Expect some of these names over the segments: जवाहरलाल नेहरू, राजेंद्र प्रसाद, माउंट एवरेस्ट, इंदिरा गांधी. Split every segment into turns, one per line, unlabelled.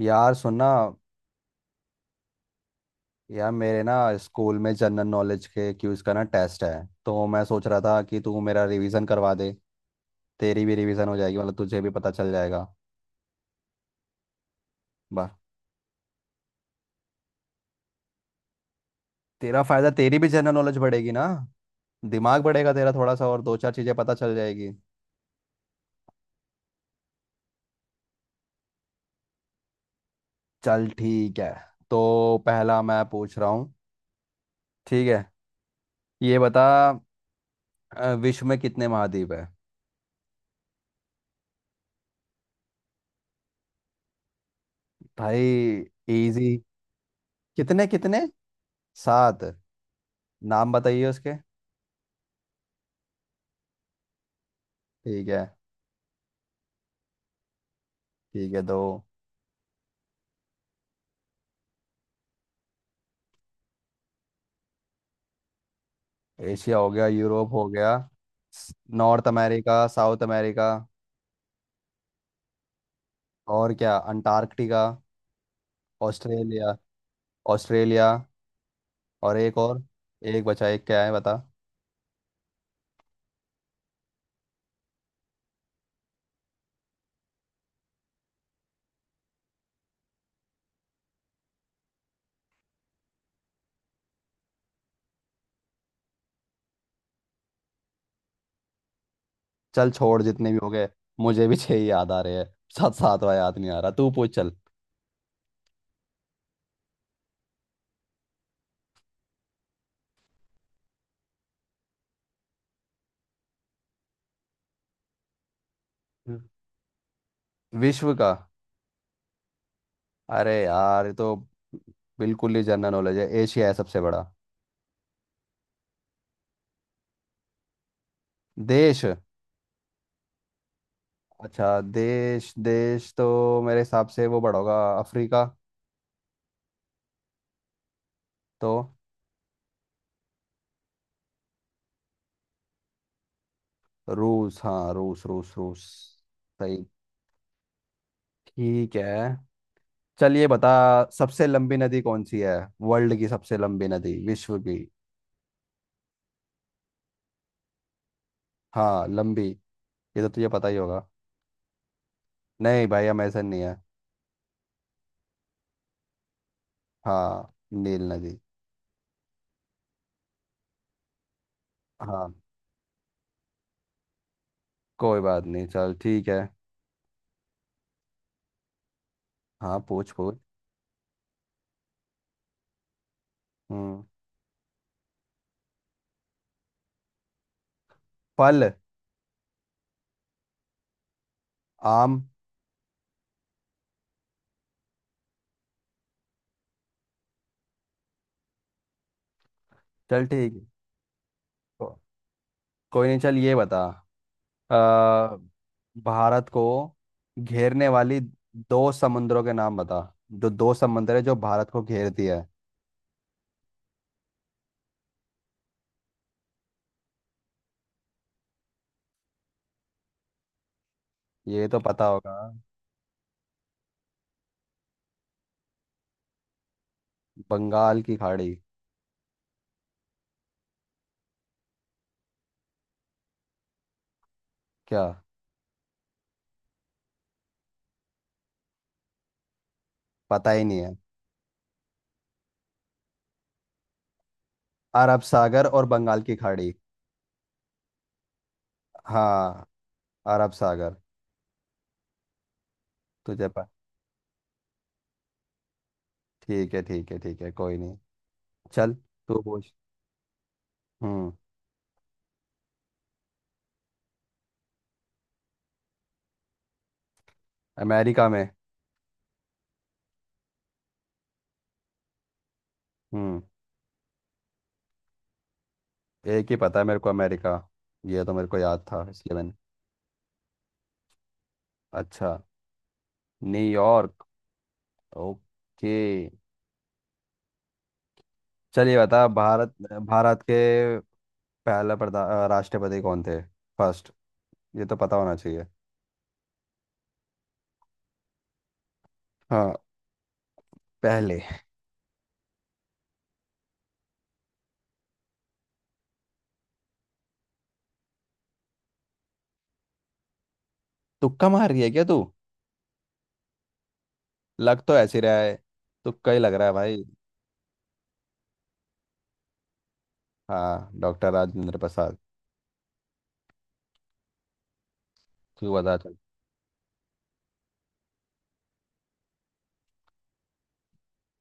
यार सुनना। यार मेरे ना स्कूल में जनरल नॉलेज के क्यूज का ना टेस्ट है, तो मैं सोच रहा था कि तू मेरा रिवीजन करवा दे। तेरी भी रिवीजन हो जाएगी, मतलब तुझे भी पता चल जाएगा। बस। तेरा फायदा, तेरी भी जनरल नॉलेज बढ़ेगी ना। दिमाग बढ़ेगा तेरा थोड़ा सा, और दो चार चीजें पता चल जाएगी। चल ठीक है, तो पहला मैं पूछ रहा हूँ। ठीक है, ये बता। विश्व में कितने महाद्वीप है। भाई, इजी। कितने कितने। सात। नाम बताइए उसके। ठीक है। ठीक है तो एशिया हो गया, यूरोप हो गया, नॉर्थ अमेरिका, साउथ अमेरिका, और क्या अंटार्कटिका, ऑस्ट्रेलिया। ऑस्ट्रेलिया। और एक और। एक बचा, एक क्या है बता। चल छोड़, जितने भी हो गए। मुझे भी छह ही याद आ रहे हैं। साथ सातवां याद नहीं आ रहा, तू पूछ चल। हम्म। विश्व का। अरे यार, ये तो बिल्कुल ही जनरल नॉलेज है, एशिया है सबसे बड़ा। देश? अच्छा, देश देश तो मेरे हिसाब से वो बड़ा होगा, अफ्रीका। तो? रूस, हाँ रूस रूस रूस। सही। ठीक है, चलिए बता। सबसे लंबी नदी कौन सी है? वर्ल्ड की सबसे लंबी नदी, विश्व की। हाँ लंबी। ये तो तुझे पता ही होगा। नहीं भाई, अमेजन नहीं है। हाँ, नील नदी। हाँ, कोई बात नहीं, चल ठीक है। हाँ पूछ पूछ। हम्म। फल। आम। चल ठीक है। को- कोई नहीं, चल ये बता। आ, भारत को घेरने वाली दो समुद्रों के नाम बता। जो दो समुद्र है जो भारत को घेरती है। ये तो पता होगा। बंगाल की खाड़ी। क्या? पता ही नहीं है? अरब सागर और बंगाल की खाड़ी। हाँ, अरब सागर। तुझे पता? ठीक है ठीक है ठीक है, कोई नहीं। चल तू पूछ। हम्म। अमेरिका में। हम्म। एक ही पता है मेरे को, अमेरिका। ये तो मेरे को याद था इसलिए मैंने। अच्छा, न्यूयॉर्क। ओके। चलिए बता, भारत भारत के पहला राष्ट्रपति कौन थे? फर्स्ट। ये तो पता होना चाहिए। हाँ पहले। तुक्का मार रही है क्या तू? लग तो ऐसे रहा है, तुक्का ही लग रहा है भाई। हाँ, डॉक्टर राजेंद्र प्रसाद। तू बता चल।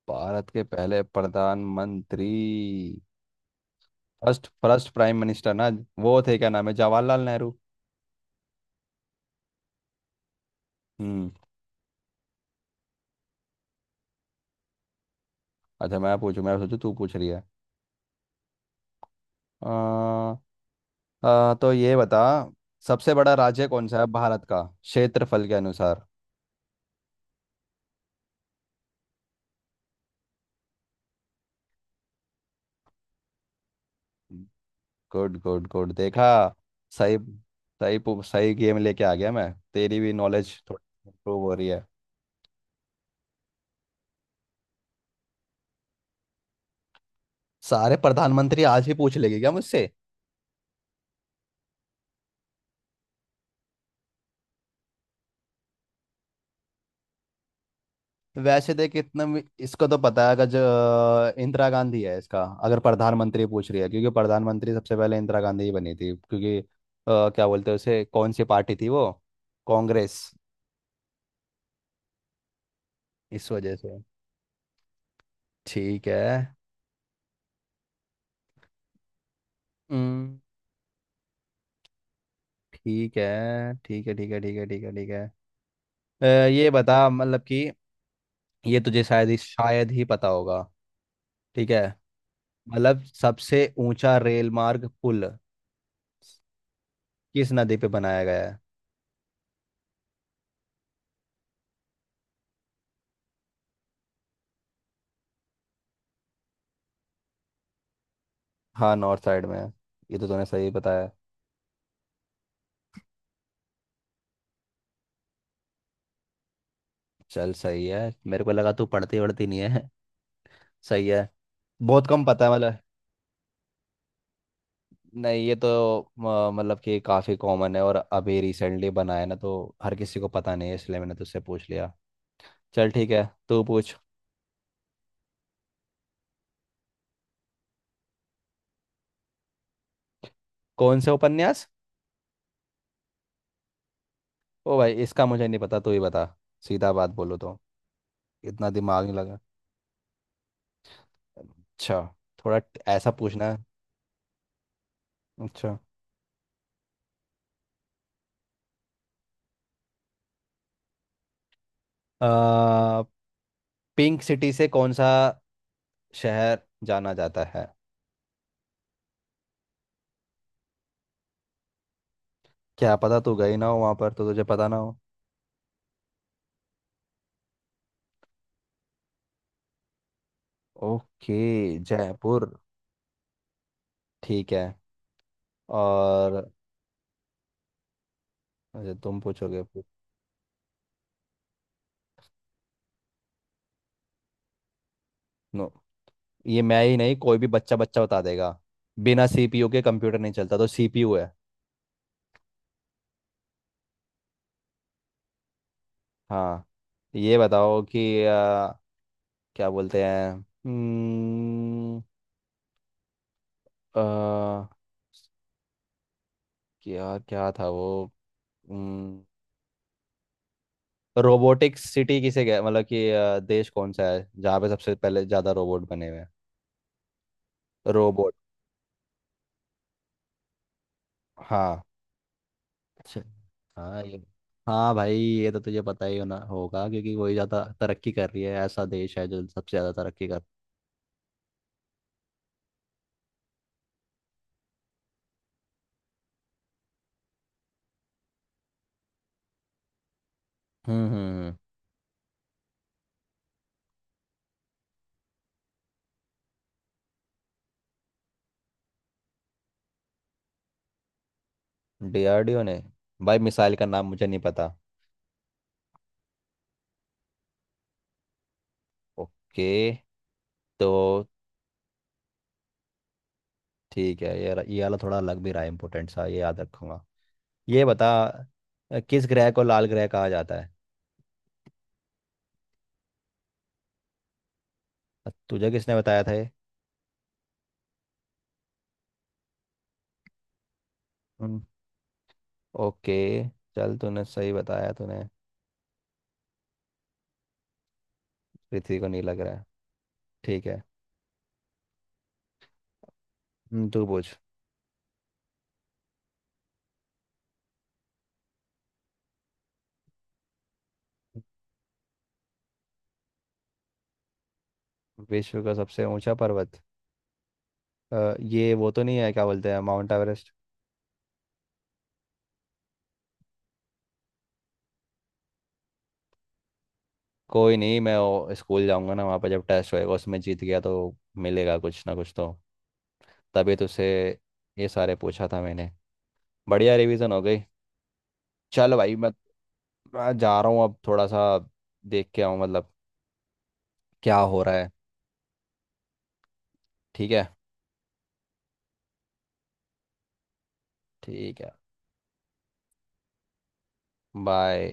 भारत के पहले प्रधानमंत्री। फर्स्ट फर्स्ट प्राइम मिनिस्टर ना, वो थे क्या नाम है, जवाहरलाल नेहरू। हम्म। अच्छा, मैं पूछू, मैं सोचू तू पूछ रही है। आ, आ, तो ये बता, सबसे बड़ा राज्य कौन सा है भारत का क्षेत्रफल के अनुसार? गुड गुड गुड, देखा। सही। सही गेम लेके आ गया, मैं तेरी भी नॉलेज थोड़ी इम्प्रूव हो रही है। सारे प्रधानमंत्री आज भी पूछ लेगी क्या मुझसे? वैसे देख, इसको तो पता है अगर, जो इंदिरा गांधी है, इसका अगर प्रधानमंत्री पूछ रही है, क्योंकि प्रधानमंत्री सबसे पहले इंदिरा गांधी ही बनी थी, क्योंकि क्या बोलते हैं उसे, कौन सी पार्टी थी वो, कांग्रेस, इस वजह से। ठीक है। हम्म। ठीक है ठीक है ठीक है ठीक है ठीक है ठीक है। अ, ये बता मतलब कि, ये तुझे शायद ही पता होगा। ठीक है। मतलब सबसे ऊंचा रेल मार्ग पुल किस नदी पे बनाया गया है? हाँ, नॉर्थ साइड में है। ये तो तूने सही बताया। चल सही है, मेरे को लगा तू पढ़ती वढ़ती नहीं है। सही है। बहुत कम पता है मतलब। नहीं, ये तो मतलब कि काफ़ी कॉमन है, और अभी रिसेंटली बनाया है ना, तो हर किसी को पता नहीं है, इसलिए मैंने तुझसे पूछ लिया। चल ठीक है, तू पूछ। कौन से उपन्यास? ओ भाई, इसका मुझे नहीं पता, तू ही बता। सीधा बात बोलो तो, इतना दिमाग नहीं लगा। अच्छा। ऐसा पूछना है। अच्छा। आ, पिंक सिटी से कौन सा शहर जाना जाता है? क्या पता, तू गई ना हो वहां पर तो तुझे पता ना हो। ओके, जयपुर। ठीक है। और? अच्छा, तुम पूछोगे फिर। नो, ये मैं ही नहीं, कोई भी बच्चा बच्चा बता देगा। बिना सीपीयू के कंप्यूटर नहीं चलता, तो सीपीयू है। हाँ, ये बताओ कि क्या बोलते हैं, अ, क्या क्या था वो। हम्म, रोबोटिक सिटी किसे गया, मतलब कि देश कौन सा है जहाँ पे सबसे पहले ज़्यादा रोबोट बने हुए हैं, रोबोट। हाँ। अच्छा, हाँ ये। हाँ भाई, ये तो तुझे पता ही होना होगा, क्योंकि वही ज़्यादा तरक्की कर रही है, ऐसा देश है जो सबसे ज़्यादा तरक्की कर। हम्म। डीआरडीओ ने? भाई, मिसाइल का नाम मुझे नहीं पता। ओके, तो ठीक है। ये वाला थोड़ा अलग भी रहा है, इम्पोर्टेंट सा, ये याद रखूंगा। ये बता, किस ग्रह को लाल ग्रह कहा जाता है? तुझे किसने बताया था ये? हम्म, ओके। चल तूने सही बताया, तूने। पृथ्वी को नीला ग्रह। ठीक है। तू पूछ। विश्व का सबसे ऊंचा पर्वत। ये, वो तो नहीं है क्या बोलते हैं, माउंट एवरेस्ट। कोई नहीं, मैं वो स्कूल जाऊंगा ना, वहाँ पर जब टेस्ट होएगा, उसमें जीत गया तो मिलेगा कुछ ना कुछ तो। तभी तुझसे ये सारे पूछा था मैंने। बढ़िया रिवीजन हो गई। चल भाई, मैं जा रहा हूँ अब, थोड़ा सा देख के आऊँ, मतलब क्या हो रहा है। ठीक है। ठीक है, बाय।